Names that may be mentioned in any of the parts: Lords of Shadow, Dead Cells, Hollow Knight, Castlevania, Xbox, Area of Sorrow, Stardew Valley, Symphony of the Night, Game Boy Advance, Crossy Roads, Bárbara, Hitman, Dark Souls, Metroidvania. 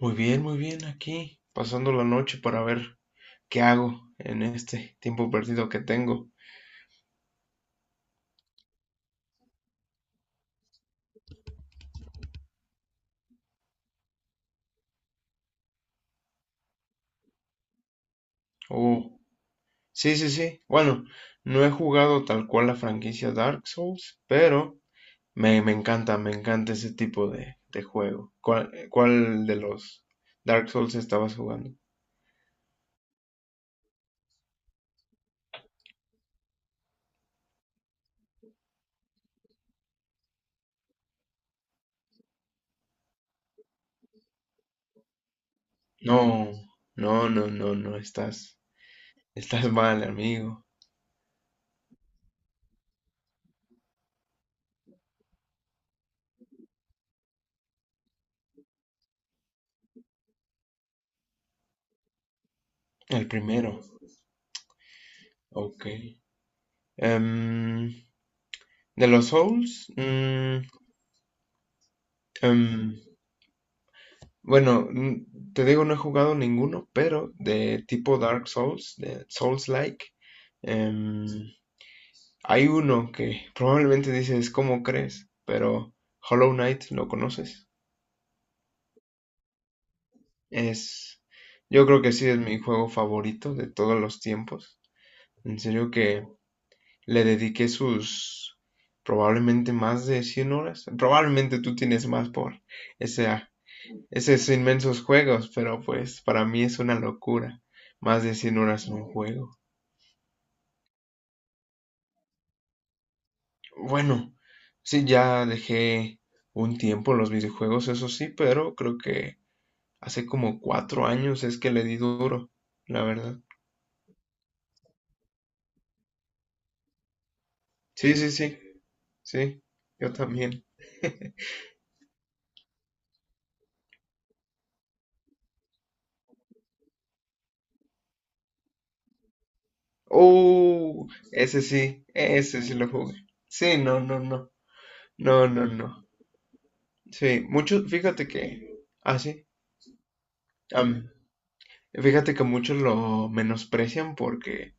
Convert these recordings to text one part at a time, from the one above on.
Muy bien, aquí, pasando la noche para ver qué hago en este tiempo perdido que tengo. Oh, sí, sí, sí. Bueno, no he jugado tal cual la franquicia Dark Souls, pero me encanta, me encanta ese tipo de juego. ¿Cuál de los Dark Souls estabas jugando? No, no, no, no, no, estás mal, amigo. El primero. Ok. Em, de los Souls. Em, Bueno, te digo, no he jugado ninguno, pero de tipo Dark Souls, de Souls-like, em, hay uno que probablemente dices, ¿cómo crees? Pero Hollow Knight, ¿lo conoces? Es, yo creo que sí es mi juego favorito de todos los tiempos. En serio que le dediqué sus probablemente más de 100 horas. Probablemente tú tienes más por esa esos inmensos juegos, pero pues para mí es una locura. Más de 100 horas en un juego. Bueno, sí, ya dejé un tiempo los videojuegos, eso sí, pero creo que hace como 4 años es que le di duro, la verdad. Sí, sí, sí, sí, yo también. Oh, ese sí lo jugué. Sí, no, no, no, no, no, no. Sí, muchos, fíjate que, ah, sí, am, fíjate que muchos lo menosprecian porque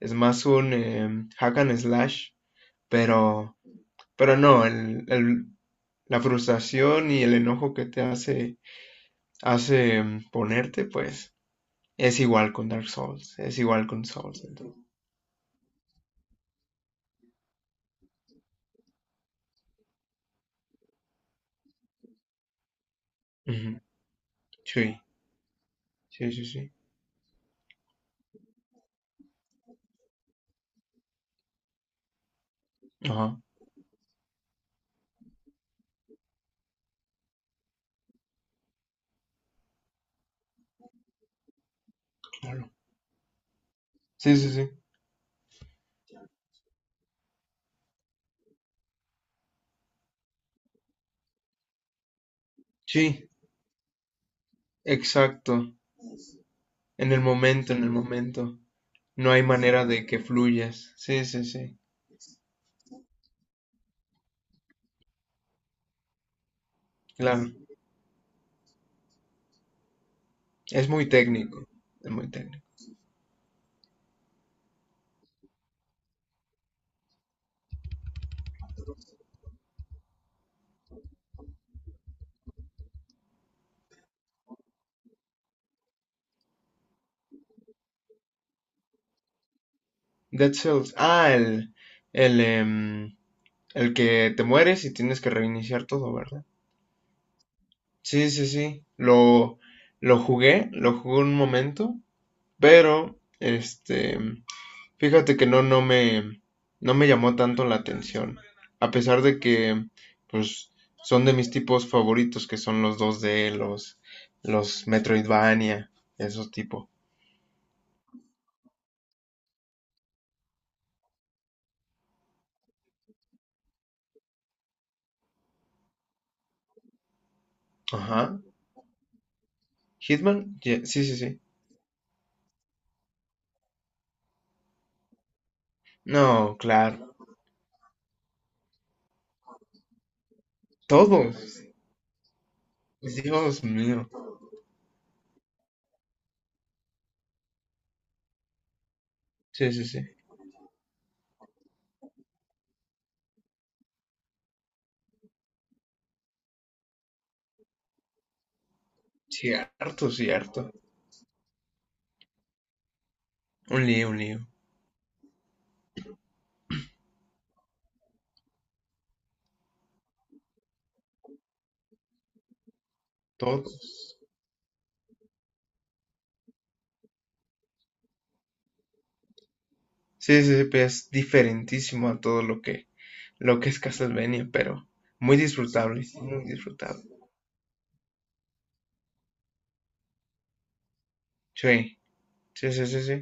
es más un hack and slash, pero, pero no, la frustración y el enojo que te hace, ponerte, pues es igual con Dark Souls, es igual con Souls. Entonces. Ujú. Sí, sí, sí, sí. Ajá. Sí, sí, sí. Sí, exacto. En el momento, en el momento. No hay manera de que fluyas. Sí, sí, sí. Claro. Es muy técnico. Es muy técnico. Dead Cells. Ah, el, em, el que te mueres y tienes que reiniciar todo, ¿verdad? Sí, sí, sí. Lo jugué un momento, pero este, fíjate que no me llamó tanto la atención. A pesar de que, pues, son de mis tipos favoritos, que son los 2D, los Metroidvania, esos tipos. Ajá. Hitman, sí, sí, sí. No, claro. Todos. Pues, Dios mío. Sí, sí, sí. Cierto, cierto. Un lío, un lío. Todos. Sí, sí, sí, pues, es diferentísimo a todo lo que es Castlevania, pero muy disfrutable. Sí, sí, sí, sí, sí.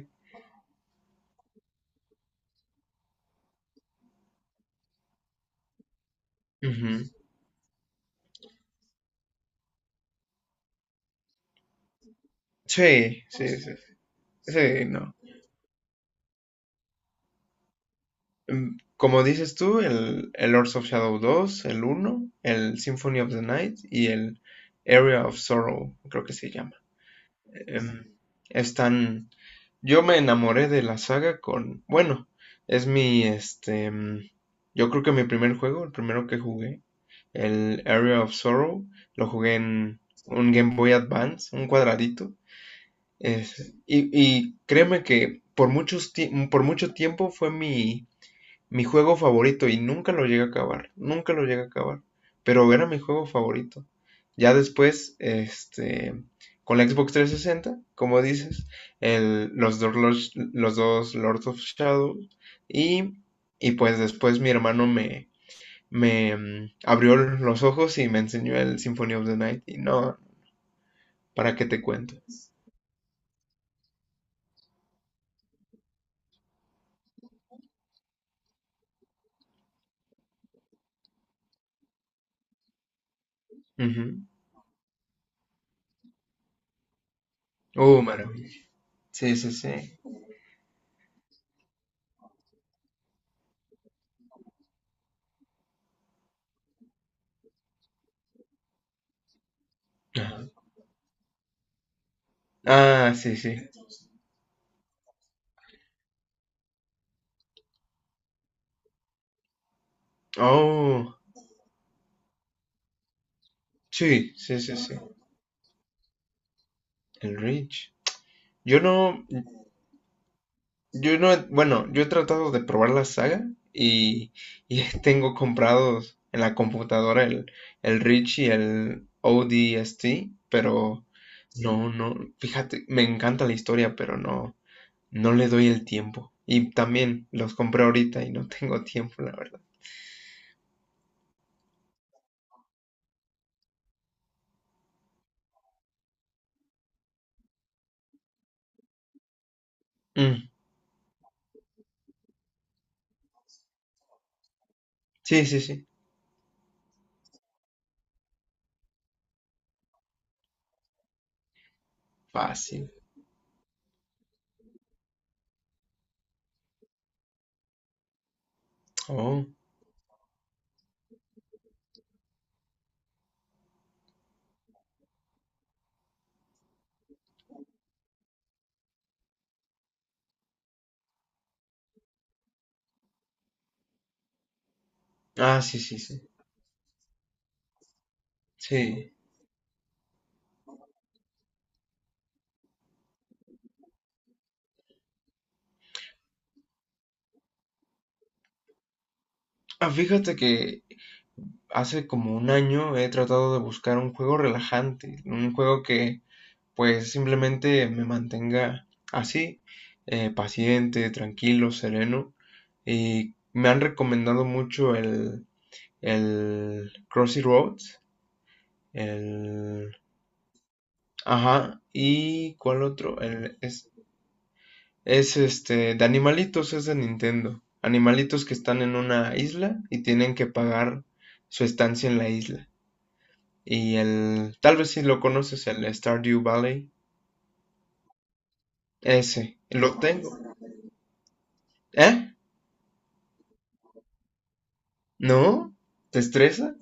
Ujú. Sí, sí, sí, sí, sí, no. Como dices tú, el Lords of Shadow dos, el uno, el Symphony of the Night y el Area of Sorrow, creo que se llama. Em, están Yo me enamoré de la saga con, bueno, este, yo creo que mi primer juego, el primero que jugué, el Area of Sorrow, lo jugué en un Game Boy Advance, un cuadradito. Y créeme que por mucho tiempo fue mi juego favorito, y nunca lo llegué a acabar, nunca lo llegué a acabar, pero era mi juego favorito. Ya después, este, con la Xbox 360, como dices, el, los dos Lords of Shadow, y, y pues después mi hermano me abrió los ojos y me enseñó el Symphony of the Night, y no, ¿para qué te cuento? Ujú. Oh, maravilla. Sí, sí, sí. Ajá. Ah, sí, sí. Oh, sí, sí, sí, sí. El Reach. Yo no, yo no, bueno, yo he tratado de probar la saga y, y tengo comprados en la computadora el Reach y el ODST, pero no, no, fíjate, me encanta la historia, pero no, no le doy el tiempo. Y también los compré ahorita y no tengo tiempo, la verdad. Mm, sí, sí, sí, fácil. Oh, ah, sí, sí, sí, sí. Ah, fíjate que hace como un año he tratado de buscar un juego relajante, un juego que pues simplemente me mantenga así, paciente, tranquilo, sereno. Y me han recomendado mucho el Crossy Roads, el... ¿Ajá, y cuál otro? Es este, de animalitos, es de Nintendo. Animalitos que están en una isla y tienen que pagar su estancia en la isla. Y tal vez si lo conoces, el Stardew Valley. Ese, lo tengo. ¿Eh? ¿No? ¿Te estresa?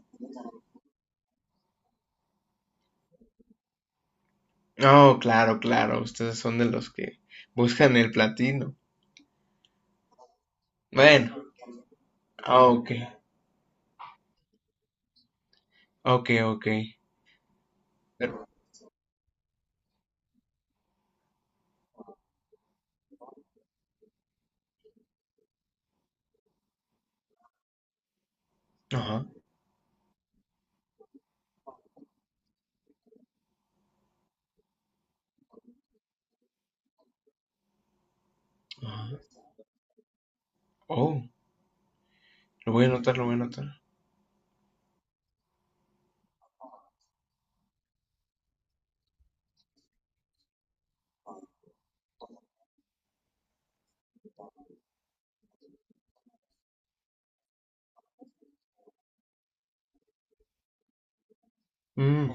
Oh, claro, claro. Ustedes son de los que buscan el platino. Bueno, ah, ok, ok, ok. Pero- Ajá, ajá. Oh, lo voy a anotar, lo voy a anotar. Mm,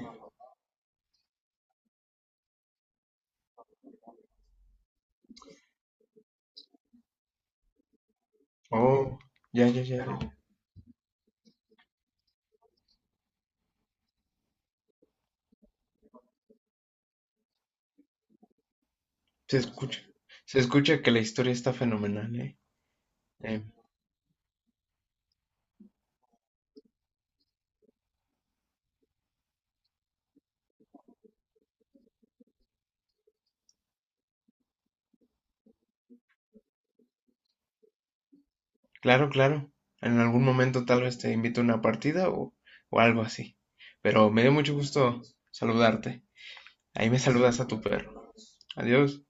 oh, ya, ya, ya. Ya. Se escucha. Se escucha que la historia está fenomenal, ¿eh? Em, Claro, claro. En algún momento tal vez te invito a una partida o algo así. Pero me dio mucho gusto saludarte. Ahí me saludas a tu perro. Adiós.